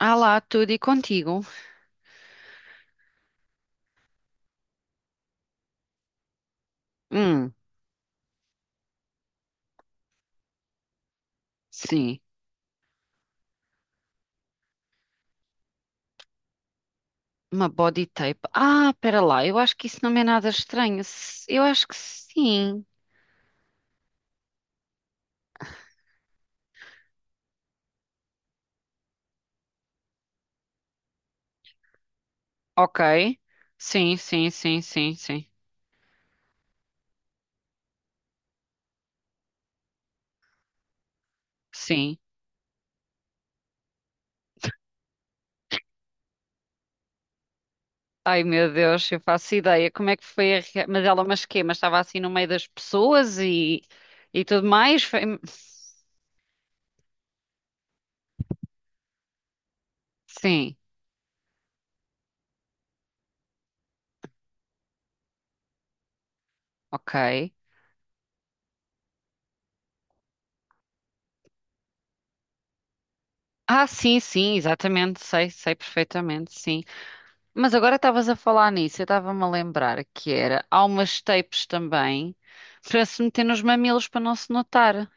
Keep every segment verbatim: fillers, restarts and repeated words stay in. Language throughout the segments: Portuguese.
Ah lá, tudo e contigo. Hum, sim. Uma body tape. Ah, pera lá, eu acho que isso não é nada estranho. S- Eu acho que sim. Ok. Sim, sim, sim, sim, sim. Sim. Ai meu Deus, eu faço ideia. Como é que foi a rea... Mas ela, mas quê? Mas estava assim no meio das pessoas e, e tudo mais? Foi- hum, Sim, ok. Ah, sim, sim, exatamente. Sei, sei perfeitamente, sim. Mas agora estavas a falar nisso, eu estava-me a lembrar que era, há umas tapes também para se meter nos mamilos para não se notar.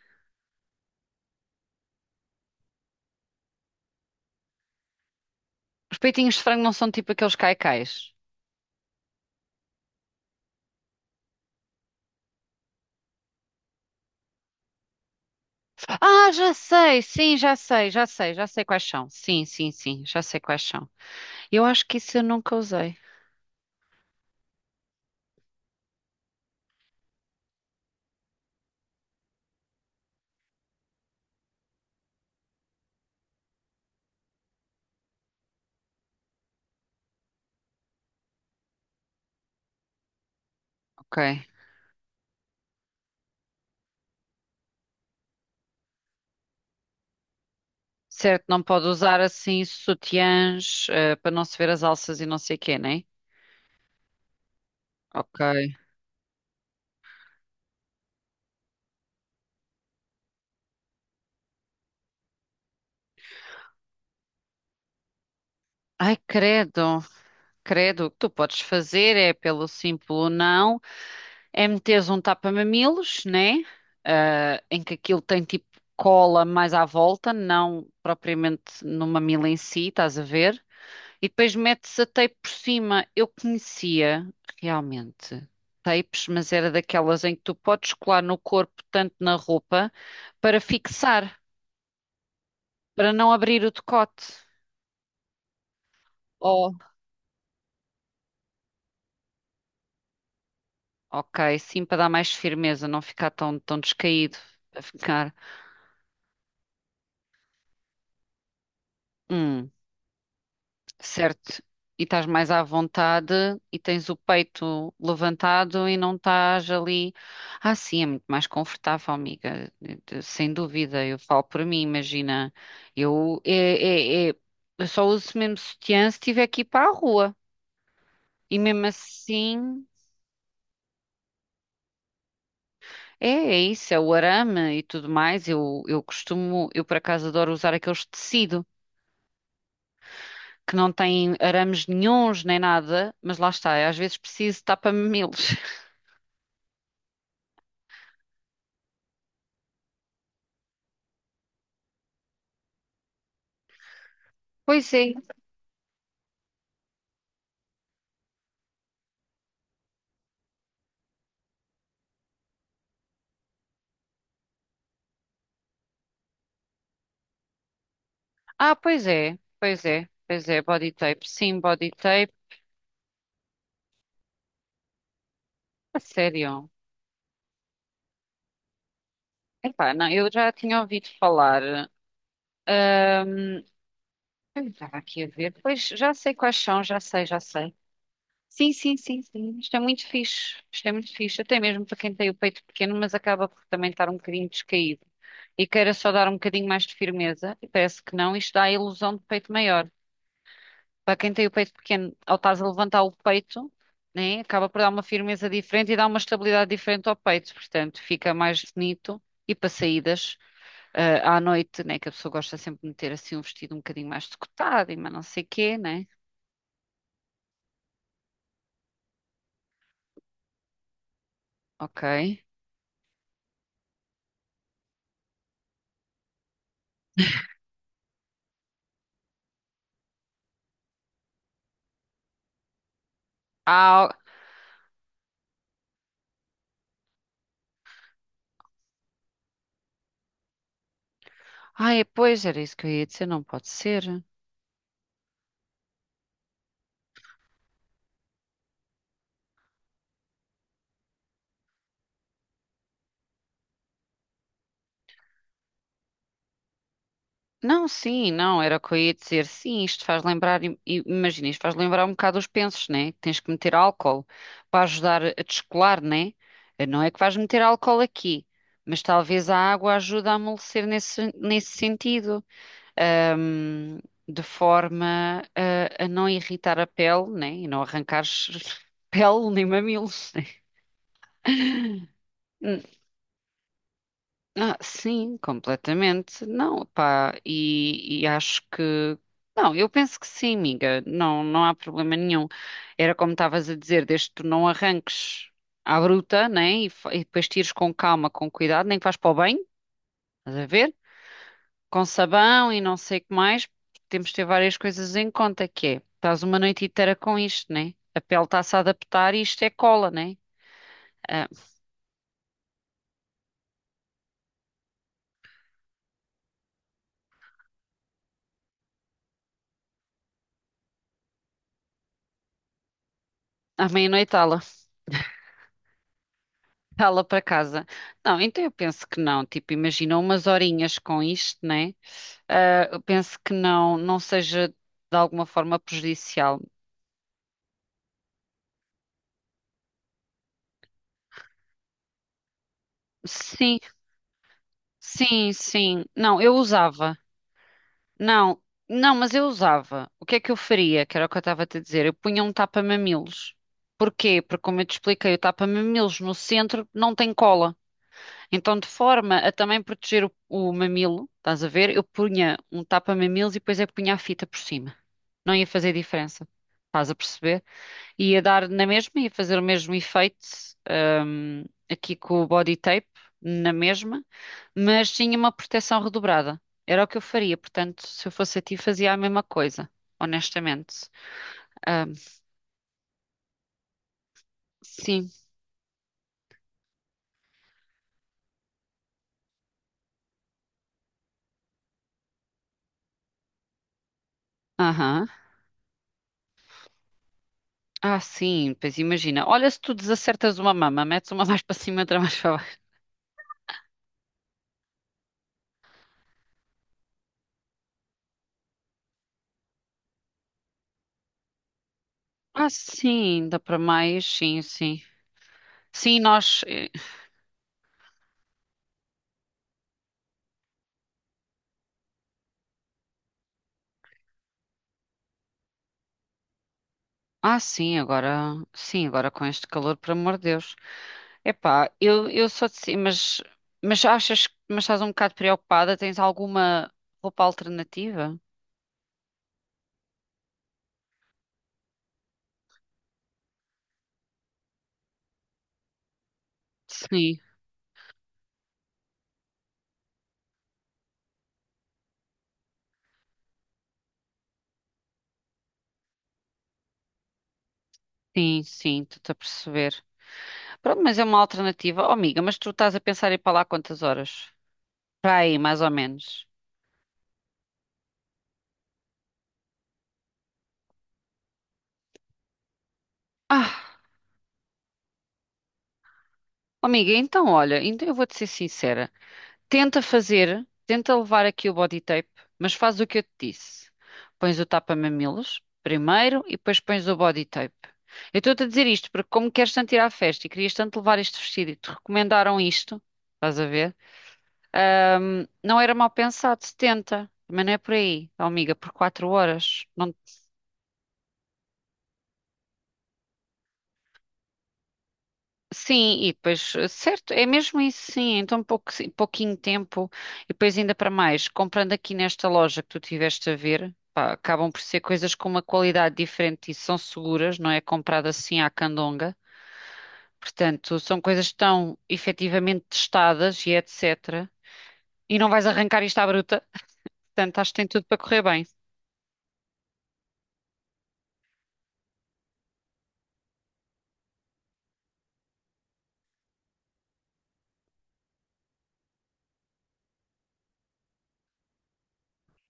Os peitinhos de frango não são tipo aqueles caicais. Ah, já sei, sim, já sei, já sei, já sei quais são. Sim, sim, sim, já sei quais são. Eu acho que isso eu nunca usei. Ok. Certo, não pode usar assim sutiãs, eh, para não se ver as alças e não sei o quê, né? Ok. Ai, credo, credo. O que tu podes fazer é pelo simples não. É meteres um tapa-mamilos, né? Ah, em que aquilo tem tipo cola mais à volta, não propriamente no mamilo em si, estás a ver? E depois metes a tape por cima. Eu conhecia realmente tapes, mas era daquelas em que tu podes colar no corpo, tanto na roupa, para fixar, para não abrir o decote. Oh, ok, sim, para dar mais firmeza, não ficar tão, tão descaído, para ficar. Hum, certo? E estás mais à vontade e tens o peito levantado e não estás ali. Ah, sim, é muito mais confortável, amiga. Eh, eh, Sem dúvida, eu falo por mim, imagina. Eu, é, é, é- eu só uso mesmo sutiã se tiver que ir para a rua. E mesmo assim, é, é isso, é o arame e tudo mais. Eu, eu costumo, eu por acaso adoro usar aqueles de tecido. Que não têm arames nenhuns nem nada, mas lá está, eu às vezes preciso de tapa-mamilos. Pois é. Ah, pois é, pois é, pois é, body tape. Sim, body tape. A sério. Epá, não, eu já tinha ouvido falar. ahm, eu estava aqui a ver. Pois já sei quais são, já sei, já sei. Sim, sim, sim, sim. Isto é muito fixe. Isto é muito fixe. Até mesmo para quem tem o peito pequeno, mas acaba por também estar um bocadinho descaído. E queira só dar um bocadinho mais de firmeza. E parece que não, isto dá a ilusão de peito maior. Para quem tem o peito pequeno, ao estás a levantar o peito, né, acaba por dar uma firmeza diferente e dá uma estabilidade diferente ao peito, portanto, fica mais bonito. E para saídas, ah, à noite, né, que a pessoa gosta sempre de meter assim um vestido um bocadinho mais decotado e mais não sei quê, né? Ok. Ah, ai, pois era isso que eu ia dizer, não pode ser. Não, sim, não, era o que eu ia dizer. Sim, isto faz lembrar, im- im- imagina, isto faz lembrar um bocado os pensos, né? Que tens que meter álcool para ajudar a descolar, né? Eh, Não é que vais meter álcool aqui, mas talvez a água ajude a amolecer nesse, nesse sentido, ahm, de forma a, a não irritar a pele, né? E não arrancares pele nem mamilos, né? Ah, sim, completamente. Não, pá, e, e acho que. Não, eu penso que sim, amiga. Não, não há problema nenhum. Era como estavas a dizer, desde que tu não arranques à bruta, né? E, fa- e depois tires com calma, com cuidado, nem que vais para o banho, estás a ver? Com sabão e não sei o que mais. Temos de ter várias coisas em conta, que é, estás uma noite inteira com isto, né? A pele está-se a adaptar e isto é cola, né? Ah, à meia-noite, lá para casa. Não, então eu penso que não. Tipo, imagina umas horinhas com isto, né? Ah, eu penso que não, não seja de alguma forma prejudicial. Sim, sim, sim. Não, eu usava. Não, não, mas eu usava. O que é que eu faria? Que era o que eu estava a te dizer. Eu punha um tapa-mamilos. Porquê? Porque, como eu te expliquei, o tapa-mamilos no centro não tem cola. Então, de forma a também proteger o, o mamilo, estás a ver? Eu punha um tapa-mamilos e depois eu punha a fita por cima, não ia fazer diferença. Estás a perceber? Ia dar na mesma, ia fazer o mesmo efeito, hum, aqui com o body tape, na mesma, mas tinha uma proteção redobrada. Era o que eu faria, portanto, se eu fosse a ti, fazia a mesma coisa, honestamente. Hum, sim, aham. Ah, sim, pois imagina. Olha, se tu desacertas uma mama, metes uma mais para cima, outra mais para baixo. Ah, sim, dá para mais, sim, sim. Sim, nós. eh, Ah, sim, agora. Sim, agora com este calor, por amor de Deus. Epá, eu, eu só disse, mas, mas achas, mas estás um bocado preocupada? Tens alguma roupa alternativa? Sim, sim, sim, estou-te a perceber. Pronto, mas é uma alternativa. Oh, amiga, mas tu estás a pensar em ir para lá quantas horas? Para aí, mais ou menos. Ah, oh, amiga, então olha, então eu vou-te ser sincera. Tenta fazer, tenta levar aqui o body tape, mas faz o que eu te disse. Pões o tapa-mamilos primeiro e depois pões o body tape. Eu estou-te a dizer isto porque, como queres tanto ir à festa e querias tanto levar este vestido e te recomendaram isto, estás a ver? Ahm, não era mal pensado, setenta. Também não é por aí, ó, amiga, por quatro horas. Não. Sim, e depois, eh, certo, é mesmo isso, sim. Então, pouco, si, pouquinho tempo, e depois, ainda para mais, comprando aqui nesta loja que tu tiveste a ver, pá, acabam por ser coisas com uma qualidade diferente e são seguras, não é comprado assim à candonga. Portanto, são coisas que estão efetivamente testadas e etcétera. E não vais arrancar isto à bruta. Portanto, acho que tem tudo para correr bem.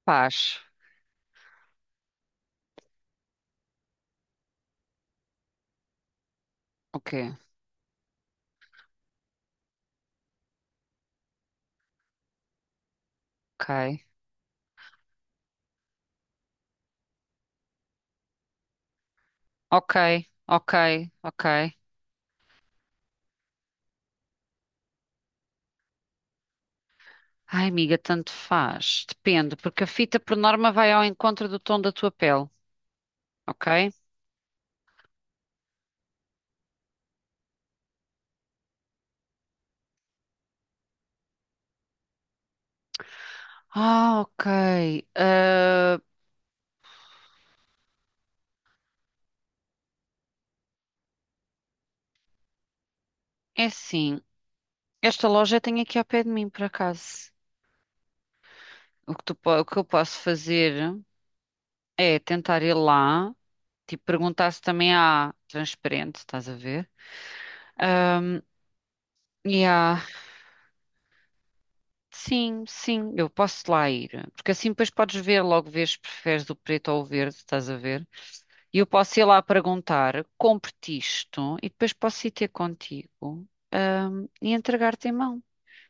Paz. Ok, ok, ok, ok, ok. Ai, amiga, tanto faz. Depende, porque a fita por norma vai ao encontro do tom da tua pele, ok? Ah, ok. Ah, é assim, esta loja tem aqui ao pé de mim, por acaso. O que tu po- o que eu posso fazer é tentar ir lá, tipo, perguntar se também há transparente, estás a ver? E há, sim, sim, eu posso lá ir. Porque assim depois podes ver, logo vês se preferes o preto ou o verde, estás a ver? E eu posso ir lá perguntar, compre-te isto, e depois posso ir ter contigo, ahm, e entregar-te em mão.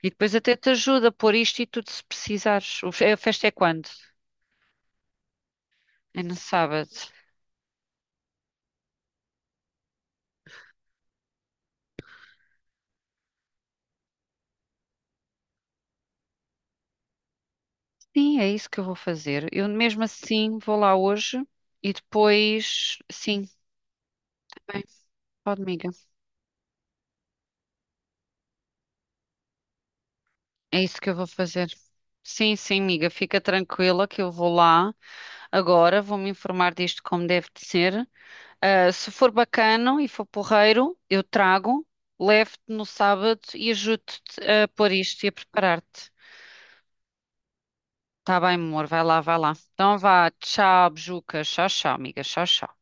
E depois até te ajuda a pôr isto e tudo se precisares. O fe- A festa é quando? É no sábado. Sim, é isso que eu vou fazer. Eu mesmo assim vou lá hoje e depois, sim, bem, pode, amiga. É isso que eu vou fazer. Sim, sim, amiga, fica tranquila que eu vou lá agora, vou me informar disto como deve de ser. Ah, se for bacano e for porreiro, eu trago, levo-te no sábado e ajudo-te a pôr isto e a preparar-te. Tá bem, amor, vai lá, vai lá. Então vá, tchau, bejuca, tchau, tchau, amiga, tchau, tchau.